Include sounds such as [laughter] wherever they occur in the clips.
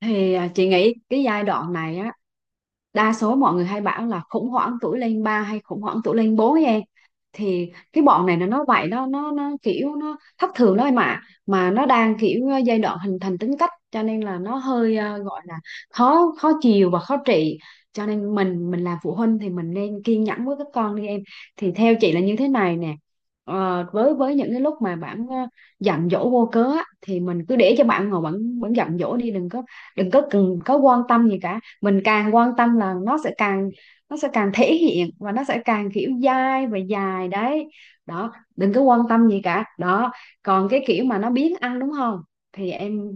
Chị nghĩ cái giai đoạn này á, đa số mọi người hay bảo là khủng hoảng tuổi lên 3 hay khủng hoảng tuổi lên 4 em. Thì cái bọn này là nó vậy đó, nó kiểu nó thất thường đó em ạ. Mà nó đang kiểu giai đoạn hình thành tính cách, cho nên là nó hơi gọi là khó khó chiều và khó trị. Cho nên mình là phụ huynh thì mình nên kiên nhẫn với các con đi em. Thì theo chị là như thế này nè. Với những cái lúc mà bạn giận dỗi vô cớ á, thì mình cứ để cho bạn ngồi bạn bạn giận dỗi đi, đừng có cần có quan tâm gì cả, mình càng quan tâm là nó sẽ càng thể hiện và nó sẽ càng kiểu dai và dài đấy. Đó, đừng có quan tâm gì cả đó. Còn cái kiểu mà nó biếng ăn đúng không thì em.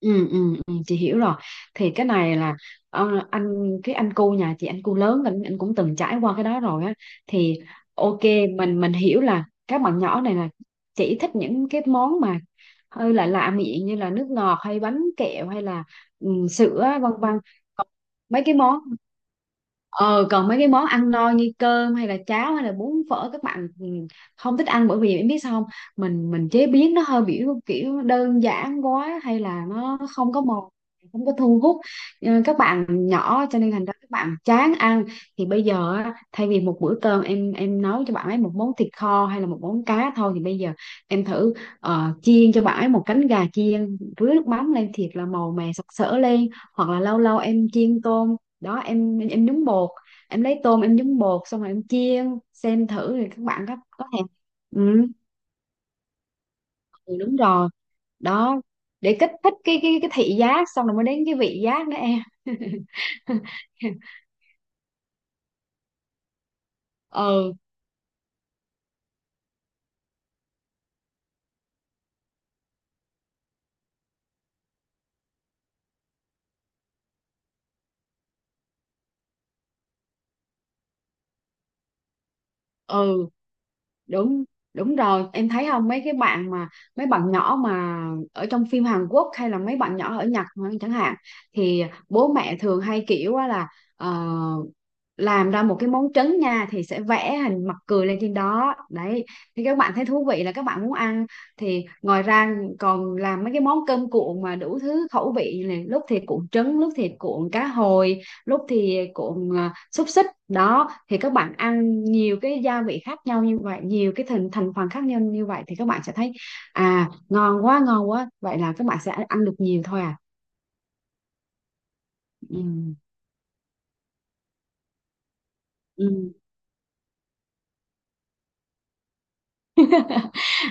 Ừ, ừ, ừ, chị hiểu rồi. Thì cái này là ờ, anh cái anh cu nhà chị, anh cu lớn, anh cũng từng trải qua cái đó rồi á. Thì ok, mình hiểu là các bạn nhỏ này là chỉ thích những cái món mà hơi là lạ miệng như là nước ngọt hay bánh kẹo hay là sữa vân vân. Còn mấy cái món Ờ, Còn mấy cái món ăn no như cơm hay là cháo hay là bún phở, các bạn không thích ăn. Bởi vì em biết sao không? Mình chế biến nó hơi kiểu kiểu đơn giản quá hay là nó không có màu, không có thu hút các bạn nhỏ, cho nên thành ra các bạn chán ăn. Thì bây giờ á, thay vì một bữa cơm em nấu cho bạn ấy một món thịt kho hay là một món cá thôi, thì bây giờ em thử chiên cho bạn ấy một cánh gà chiên rưới nước mắm lên thiệt là màu mè sặc sỡ lên. Hoặc là lâu lâu em chiên tôm đó, em nhúng bột em lấy tôm em nhúng bột xong rồi em chiên xem thử thì các bạn có thèm. Ừ. Ừ, đúng rồi đó, để kích thích cái cái thị giác xong rồi mới đến cái vị giác nữa em. [laughs] Ừ, ừ, đúng đúng rồi, em thấy không, mấy bạn nhỏ mà ở trong phim Hàn Quốc hay là mấy bạn nhỏ ở Nhật mà chẳng hạn, thì bố mẹ thường hay kiểu á là ờ, làm ra một cái món trứng nha thì sẽ vẽ hình mặt cười lên trên đó đấy, thì các bạn thấy thú vị là các bạn muốn ăn. Thì ngoài ra còn làm mấy cái món cơm cuộn mà đủ thứ khẩu vị này, lúc thì cuộn trứng lúc thì cuộn cá hồi lúc thì cuộn à, xúc xích đó, thì các bạn ăn nhiều cái gia vị khác nhau như vậy, nhiều cái thành thành phần khác nhau như vậy, thì các bạn sẽ thấy à ngon quá ngon quá, vậy là các bạn sẽ ăn được nhiều thôi à. Ừ. Ừ.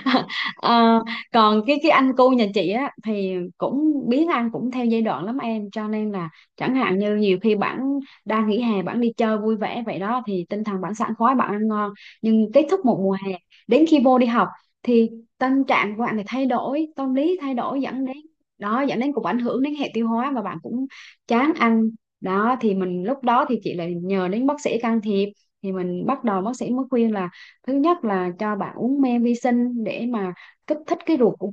[laughs] Ờ, Còn cái anh cu nhà chị á thì cũng biết, anh cũng theo giai đoạn lắm em, cho nên là chẳng hạn như nhiều khi bạn đang nghỉ hè bạn đi chơi vui vẻ vậy đó thì tinh thần bạn sảng khoái bạn ăn ngon, nhưng kết thúc một mùa hè đến khi vô đi học thì tâm trạng của bạn thì thay đổi, tâm lý thay đổi dẫn đến, đó dẫn đến cũng ảnh hưởng đến hệ tiêu hóa và bạn cũng chán ăn. Đó thì mình lúc đó thì chị lại nhờ đến bác sĩ can thiệp. Thì mình bắt đầu bác sĩ mới khuyên là thứ nhất là cho bạn uống men vi sinh để mà kích thích cái ruột của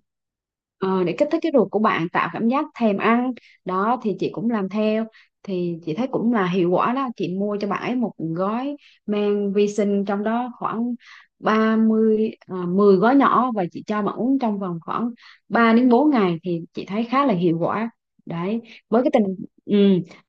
để kích thích cái ruột của bạn, tạo cảm giác thèm ăn. Đó thì chị cũng làm theo, thì chị thấy cũng là hiệu quả đó, chị mua cho bạn ấy một gói men vi sinh trong đó khoảng 30 à, 10 gói nhỏ và chị cho bạn uống trong vòng khoảng 3 đến 4 ngày thì chị thấy khá là hiệu quả. Đấy, với cái tình. Ừ,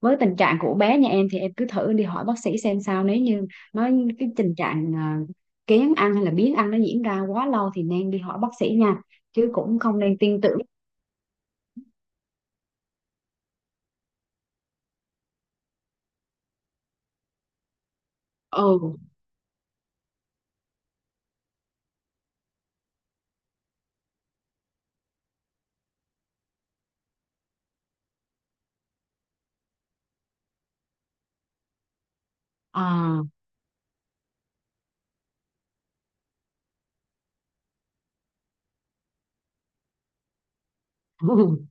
với tình trạng của bé nhà em thì em cứ thử đi hỏi bác sĩ xem sao, nếu như nó cái tình trạng kén ăn hay là biếng ăn nó diễn ra quá lâu thì nên đi hỏi bác sĩ nha, chứ cũng không nên tin tưởng. Ừ. À. [laughs]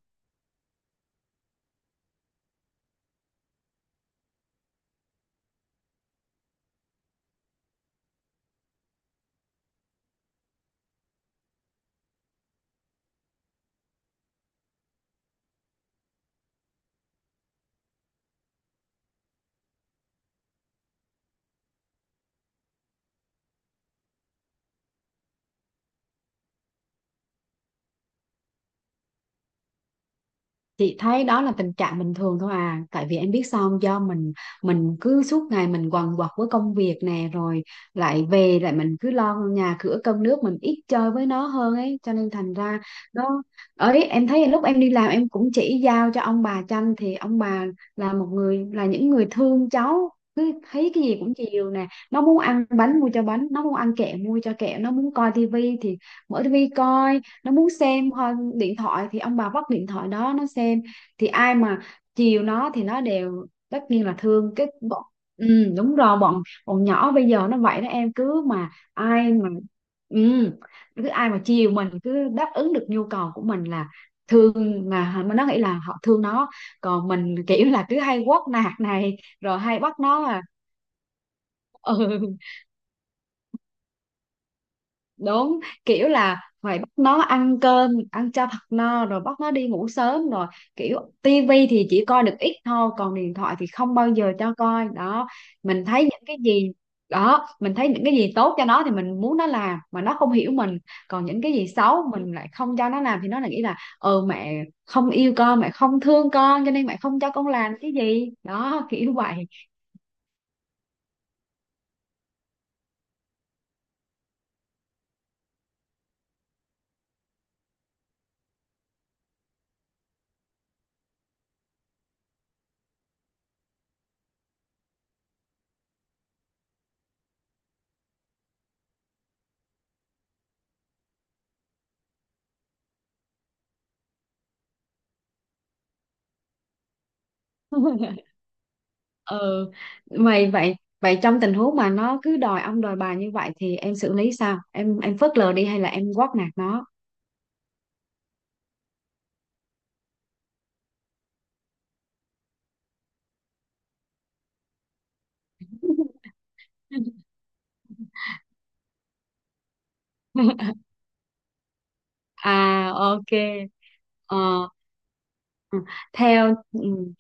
Chị thấy đó là tình trạng bình thường thôi à, tại vì em biết sao không? Do mình cứ suốt ngày mình quằn quật với công việc nè, rồi lại về lại mình cứ lo nhà cửa cơm nước, mình ít chơi với nó hơn ấy, cho nên thành ra nó ấy. Em thấy lúc em đi làm em cũng chỉ giao cho ông bà chăm, thì ông bà là những người thương cháu, cứ thấy cái gì cũng chiều nè, nó muốn ăn bánh mua cho bánh, nó muốn ăn kẹo mua cho kẹo, nó muốn coi tivi thì mở tivi coi, nó muốn xem điện thoại thì ông bà vắt điện thoại đó nó xem. Thì ai mà chiều nó thì nó đều tất nhiên là thương cái bọn. Ừ, đúng rồi, bọn bọn nhỏ bây giờ nó vậy đó em, cứ mà ừ, cứ ai mà chiều mình, cứ đáp ứng được nhu cầu của mình là thương, mà nó nghĩ là họ thương nó. Còn mình kiểu là cứ hay quát nạt này rồi hay bắt nó à, ừ đúng, kiểu là phải bắt nó ăn cơm ăn cho thật no rồi bắt nó đi ngủ sớm rồi, kiểu tivi thì chỉ coi được ít thôi còn điện thoại thì không bao giờ cho coi đó. Mình thấy những cái gì, đó mình thấy những cái gì tốt cho nó thì mình muốn nó làm mà nó không hiểu mình, còn những cái gì xấu mình lại không cho nó làm thì nó lại nghĩ là ừ mẹ không yêu con, mẹ không thương con, cho nên mẹ không cho con làm cái gì đó [laughs] kiểu vậy. Ừ mày vậy, vậy trong tình huống mà nó cứ đòi ông đòi bà như vậy thì em xử lý sao, em phớt lờ đi hay là em quát nạt nó? [laughs] À ok. ờ ừ. Ừ.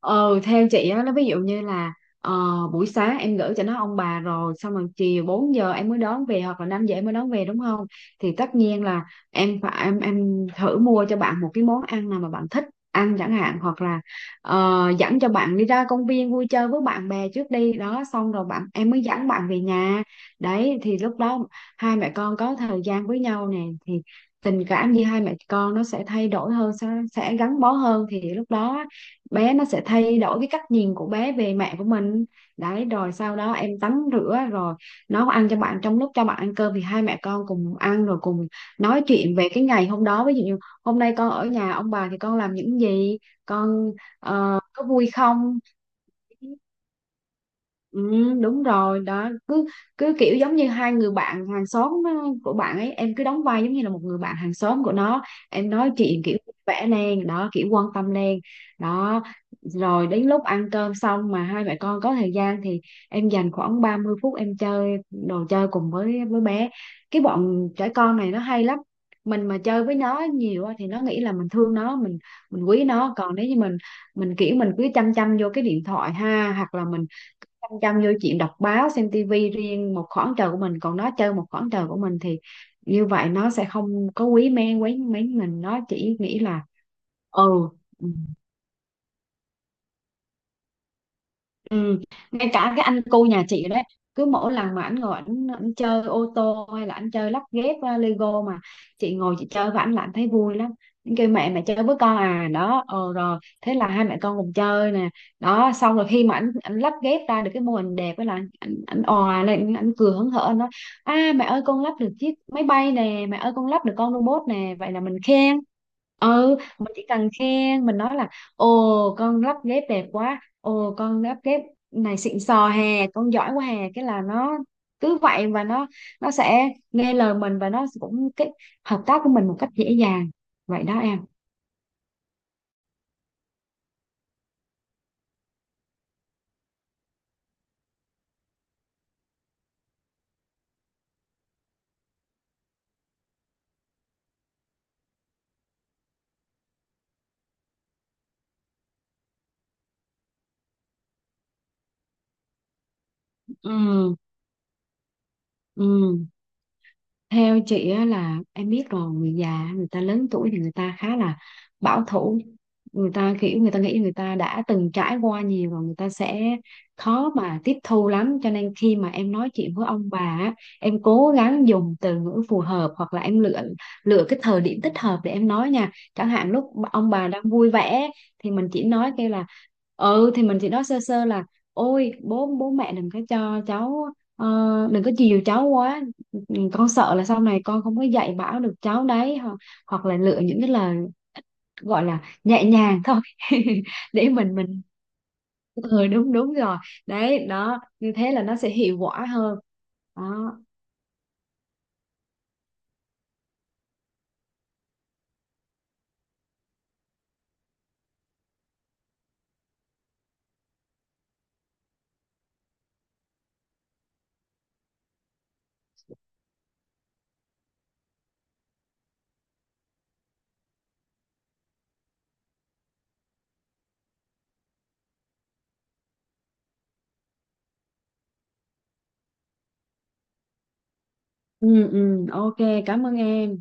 Theo chị á, nó ví dụ như là ờ, buổi sáng em gửi cho nó ông bà rồi, xong rồi chiều 4 giờ em mới đón về hoặc là 5 giờ em mới đón về đúng không, thì tất nhiên là em phải em thử mua cho bạn một cái món ăn nào mà bạn thích ăn chẳng hạn, hoặc là dẫn cho bạn đi ra công viên vui chơi với bạn bè trước đi đó, xong rồi bạn em mới dẫn bạn về nhà. Đấy thì lúc đó hai mẹ con có thời gian với nhau nè, thì tình cảm giữa hai mẹ con nó sẽ thay đổi hơn, sẽ gắn bó hơn, thì lúc đó bé nó sẽ thay đổi cái cách nhìn của bé về mẹ của mình. Đấy rồi sau đó em tắm rửa rồi nấu ăn cho bạn, trong lúc cho bạn ăn cơm thì hai mẹ con cùng ăn rồi cùng nói chuyện về cái ngày hôm đó, ví dụ như hôm nay con ở nhà ông bà thì con làm những gì, con có vui không. Ừ, đúng rồi đó, cứ cứ kiểu giống như hai người bạn hàng xóm của bạn ấy, em cứ đóng vai giống như là một người bạn hàng xóm của nó, em nói chuyện kiểu vẽ lên đó kiểu quan tâm lên đó. Rồi đến lúc ăn cơm xong mà hai mẹ con có thời gian thì em dành khoảng 30 phút em chơi đồ chơi cùng với bé. Cái bọn trẻ con này nó hay lắm, mình mà chơi với nó nhiều á thì nó nghĩ là mình thương nó, mình quý nó. Còn nếu như mình kiểu mình cứ chăm chăm vô cái điện thoại, ha, hoặc là mình chăm chăm vô chuyện đọc báo xem tivi, riêng một khoảng trời của mình, còn nó chơi một khoảng trời của mình thì như vậy nó sẽ không có quý mến mình, nó chỉ nghĩ là ừ. Ừ. Ngay cả cái anh cu nhà chị đấy, cứ mỗi lần mà ảnh ngồi ảnh ảnh chơi ô tô hay là ảnh chơi lắp ghép Lego mà chị ngồi chị chơi với ảnh là ảnh thấy vui lắm. Ảnh kêu mẹ mẹ chơi với con, à đó, ờ rồi thế là hai mẹ con cùng chơi nè. Đó xong rồi khi mà ảnh ảnh lắp ghép ra được cái mô hình đẹp ấy là ảnh ảnh òa lên, ảnh cười hớn hở, ảnh nói à mẹ ơi con lắp được chiếc máy bay nè, mẹ ơi con lắp được con robot nè, vậy là mình khen. Ừ, mình chỉ cần khen mình nói là ồ con lắp ghép đẹp quá, ồ con đáp kép này xịn sò hè, con giỏi quá hè, cái là nó cứ vậy, và nó sẽ nghe lời mình và nó cũng cái hợp tác của mình một cách dễ dàng, vậy đó em. Ừ. Ừ, theo chị á là em biết rồi, người già người ta lớn tuổi thì người ta khá là bảo thủ, người ta kiểu người ta nghĩ người ta đã từng trải qua nhiều và người ta sẽ khó mà tiếp thu lắm, cho nên khi mà em nói chuyện với ông bà á, em cố gắng dùng từ ngữ phù hợp hoặc là em lựa lựa cái thời điểm thích hợp để em nói nha. Chẳng hạn lúc ông bà đang vui vẻ thì mình chỉ nói kêu là, ừ thì mình chỉ nói sơ sơ là ôi bố bố mẹ đừng có cho cháu ờ, đừng có chiều cháu quá. Ừ, con sợ là sau này con không có dạy bảo được cháu đấy, hoặc, hoặc là lựa những cái lời gọi là nhẹ nhàng thôi. [laughs] Để mình [laughs] ừ, đúng đúng rồi, đấy đó như thế là nó sẽ hiệu quả hơn đó. Ừ. Ừ, ok, cảm ơn em.